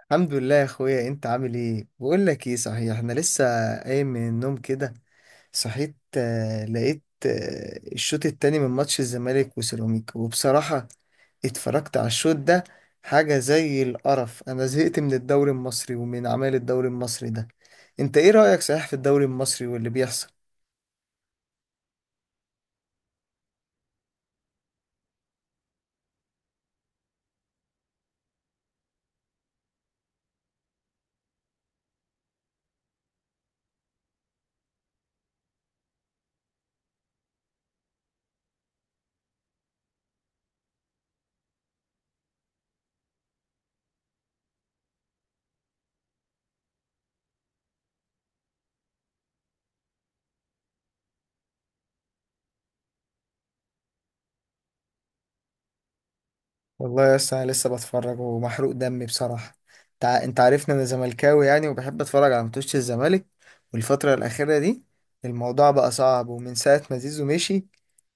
الحمد لله يا اخويا. انت عامل ايه؟ بقول لك ايه صحيح، انا لسه قايم من النوم كده. صحيت لقيت الشوط التاني من ماتش الزمالك وسيراميكا، وبصراحة اتفرجت على الشوط ده حاجة زي القرف. انا زهقت من الدوري المصري ومن اعمال الدوري المصري ده. انت ايه رأيك صحيح في الدوري المصري واللي بيحصل؟ والله يا اسطى انا لسه بتفرج ومحروق دمي بصراحه. انت عارفني انا زملكاوي يعني، وبحب اتفرج على ماتشات الزمالك. والفتره الاخيره دي الموضوع بقى صعب، ومن ساعه ما زيزو مشي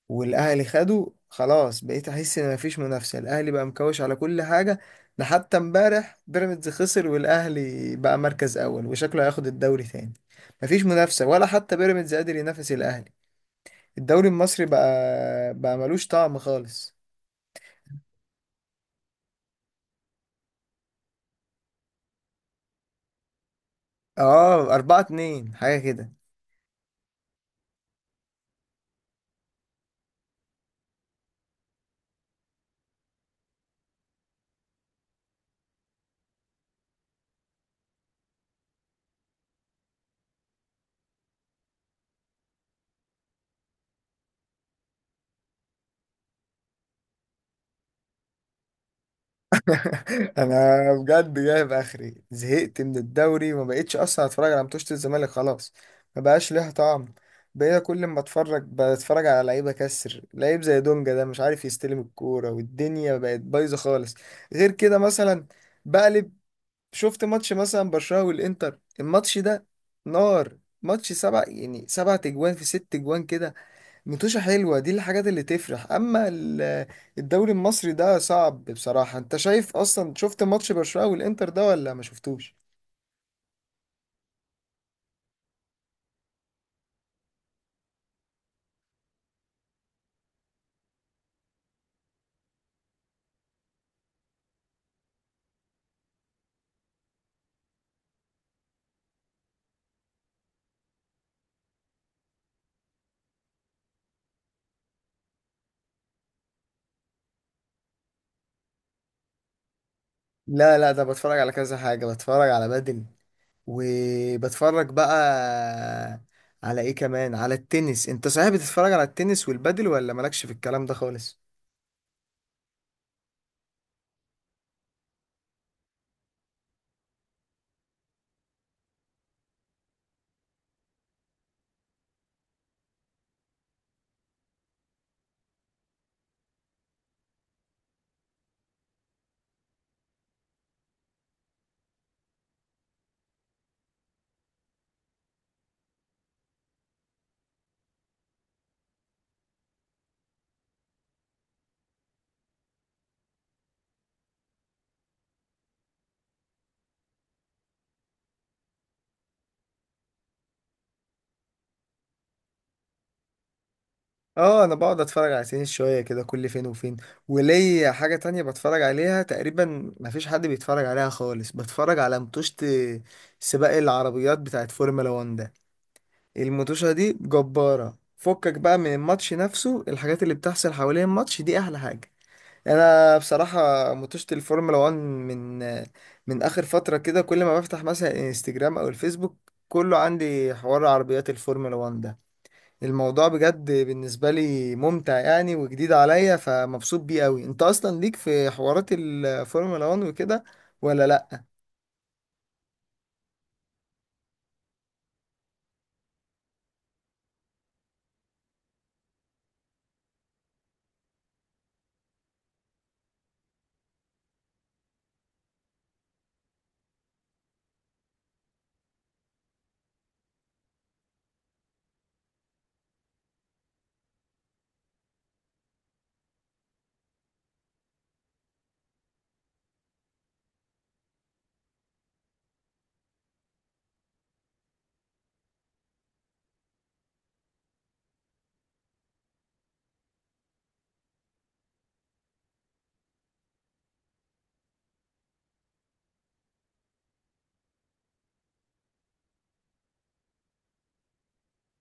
والاهلي خده خلاص بقيت احس ان مفيش منافسه. الاهلي بقى مكوش على كل حاجه. ده حتى امبارح بيراميدز خسر والاهلي بقى مركز اول وشكله هياخد الدوري تاني. مفيش منافسه، ولا حتى بيراميدز قادر ينافس الاهلي. الدوري المصري بقى ملوش طعم خالص. اه، أربعة اتنين حاجة كده. انا بجد جايب اخري، زهقت من الدوري وما بقتش اصلا اتفرج على ماتشات الزمالك خلاص. ما بقاش ليها طعم. بقيت كل ما اتفرج بتفرج على لعيبه كسر، لعيب زي دونجا ده مش عارف يستلم الكوره والدنيا بقت بايظه خالص. غير كده مثلا بقلب، شفت ماتش مثلا برشلونه والانتر. الماتش ده نار، ماتش سبع، يعني سبع تجوان في ست تجوان كده. متوشة حلوة، دي الحاجات اللي تفرح. أما الدوري المصري ده صعب بصراحة. أنت شايف أصلا، شفت ماتش برشلونة والإنتر ده ولا ما شفتوش؟ لا لا، ده بتفرج على كذا حاجة، بتفرج على بدل، وبتفرج بقى على إيه كمان، على التنس. أنت صحيح بتتفرج على التنس والبدل، ولا مالكش في الكلام ده خالص؟ اه، انا بقعد اتفرج على سنين شويه كده كل فين وفين. وليا حاجه تانية بتفرج عليها تقريبا مفيش حد بيتفرج عليها خالص، بتفرج على متوشة سباق العربيات بتاعت فورمولا 1 ده. المتوشة دي جبارة، فكك بقى من الماتش نفسه، الحاجات اللي بتحصل حوالين الماتش دي احلى حاجه. انا بصراحه متوشة الفورمولا 1 من اخر فتره كده، كل ما بفتح مثلا انستجرام او الفيسبوك كله عندي حوار عربيات الفورمولا 1. الموضوع بجد بالنسبة لي ممتع يعني وجديد عليا، فمبسوط بيه قوي. انت اصلا ليك في حوارات الفورمولا 1 وكده، ولا لا؟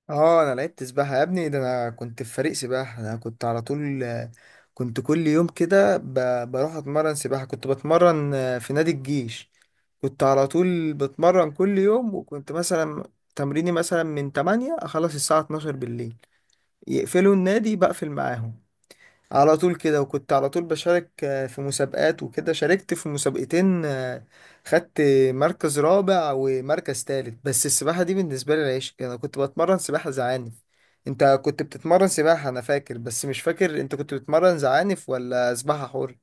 اه، انا لعبت سباحة يا ابني. ده انا كنت في فريق سباحة، انا كنت على طول، كنت كل يوم كده بروح اتمرن سباحة. كنت بتمرن في نادي الجيش، كنت على طول بتمرن كل يوم. وكنت مثلا تمريني مثلا من 8 اخلص الساعة 12 بالليل، يقفلوا النادي بقفل معاهم. على طول كده، وكنت على طول بشارك في مسابقات وكده. شاركت في مسابقتين، خدت مركز رابع ومركز تالت. بس السباحة دي بالنسبة لي العيش، أنا كنت بتمرن سباحة زعانف. أنت كنت بتتمرن سباحة أنا فاكر، بس مش فاكر أنت كنت بتتمرن زعانف ولا سباحة حر؟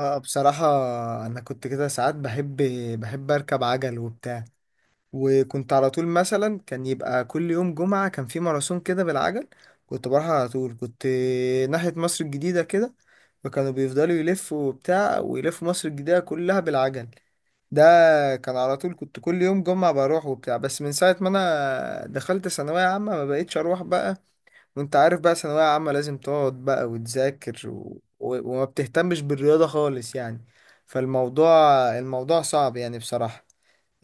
اه بصراحة، أنا كنت كده ساعات بحب، أركب عجل وبتاع. وكنت على طول مثلا كان يبقى كل يوم جمعة كان في ماراثون كده بالعجل. كنت بروح على طول، كنت ناحية مصر الجديدة كده، فكانوا بيفضلوا يلفوا وبتاع ويلفوا مصر الجديدة كلها بالعجل ده. كان على طول كنت كل يوم جمعة بروح وبتاع، بس من ساعة ما أنا دخلت ثانوية عامة ما بقيتش أروح بقى. وأنت عارف بقى ثانوية عامة لازم تقعد بقى وتذاكر وما بتهتمش بالرياضة خالص يعني. فالموضوع صعب يعني بصراحة.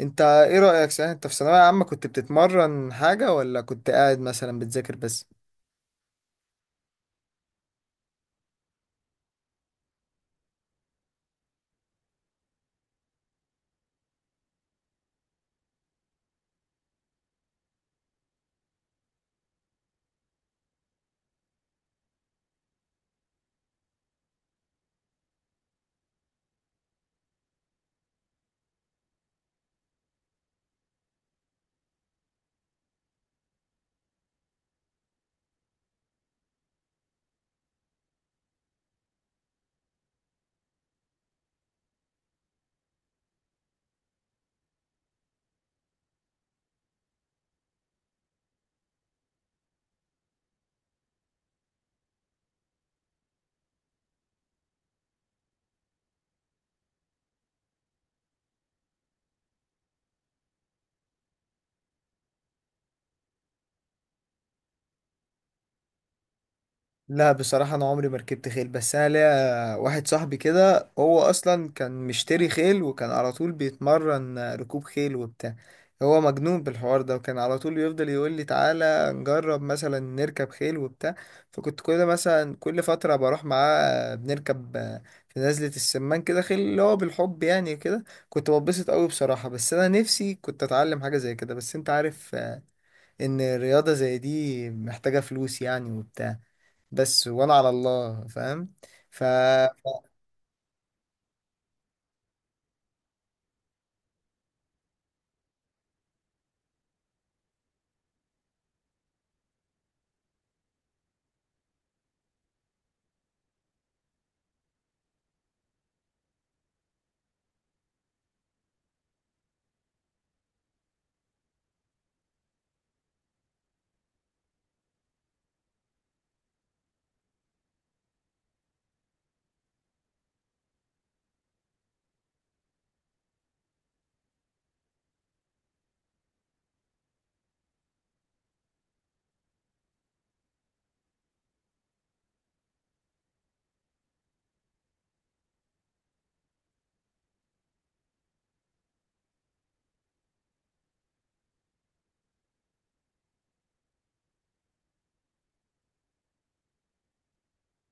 أنت إيه رأيك صحيح، أنت في ثانوية عامة كنت بتتمرن حاجة ولا كنت قاعد مثلا بتذاكر بس؟ لا بصراحة، أنا عمري ما ركبت خيل، بس أنا ليا واحد صاحبي كده هو أصلا كان مشتري خيل وكان على طول بيتمرن ركوب خيل وبتاع. هو مجنون بالحوار ده، وكان على طول يفضل يقول لي تعالى نجرب مثلا نركب خيل وبتاع. فكنت كل مثلا كل فترة بروح معاه بنركب في نزلة السمان كده خيل، اللي هو بالحب يعني كده، كنت بتبسط قوي بصراحة. بس أنا نفسي كنت أتعلم حاجة زي كده، بس أنت عارف إن رياضة زي دي محتاجة فلوس يعني وبتاع. بس وانا على الله فاهم. ف ف-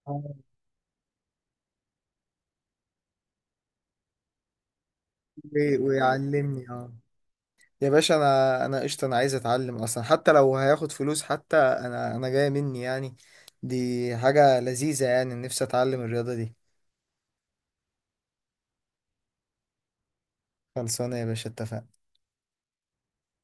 آه، ويعلمني اه. يا باشا، انا قشطه، انا عايز اتعلم اصلا حتى لو هياخد فلوس، حتى انا جايه مني يعني. دي حاجه لذيذه يعني، نفسي اتعلم الرياضه دي. خلصانه يا باشا، اتفقنا.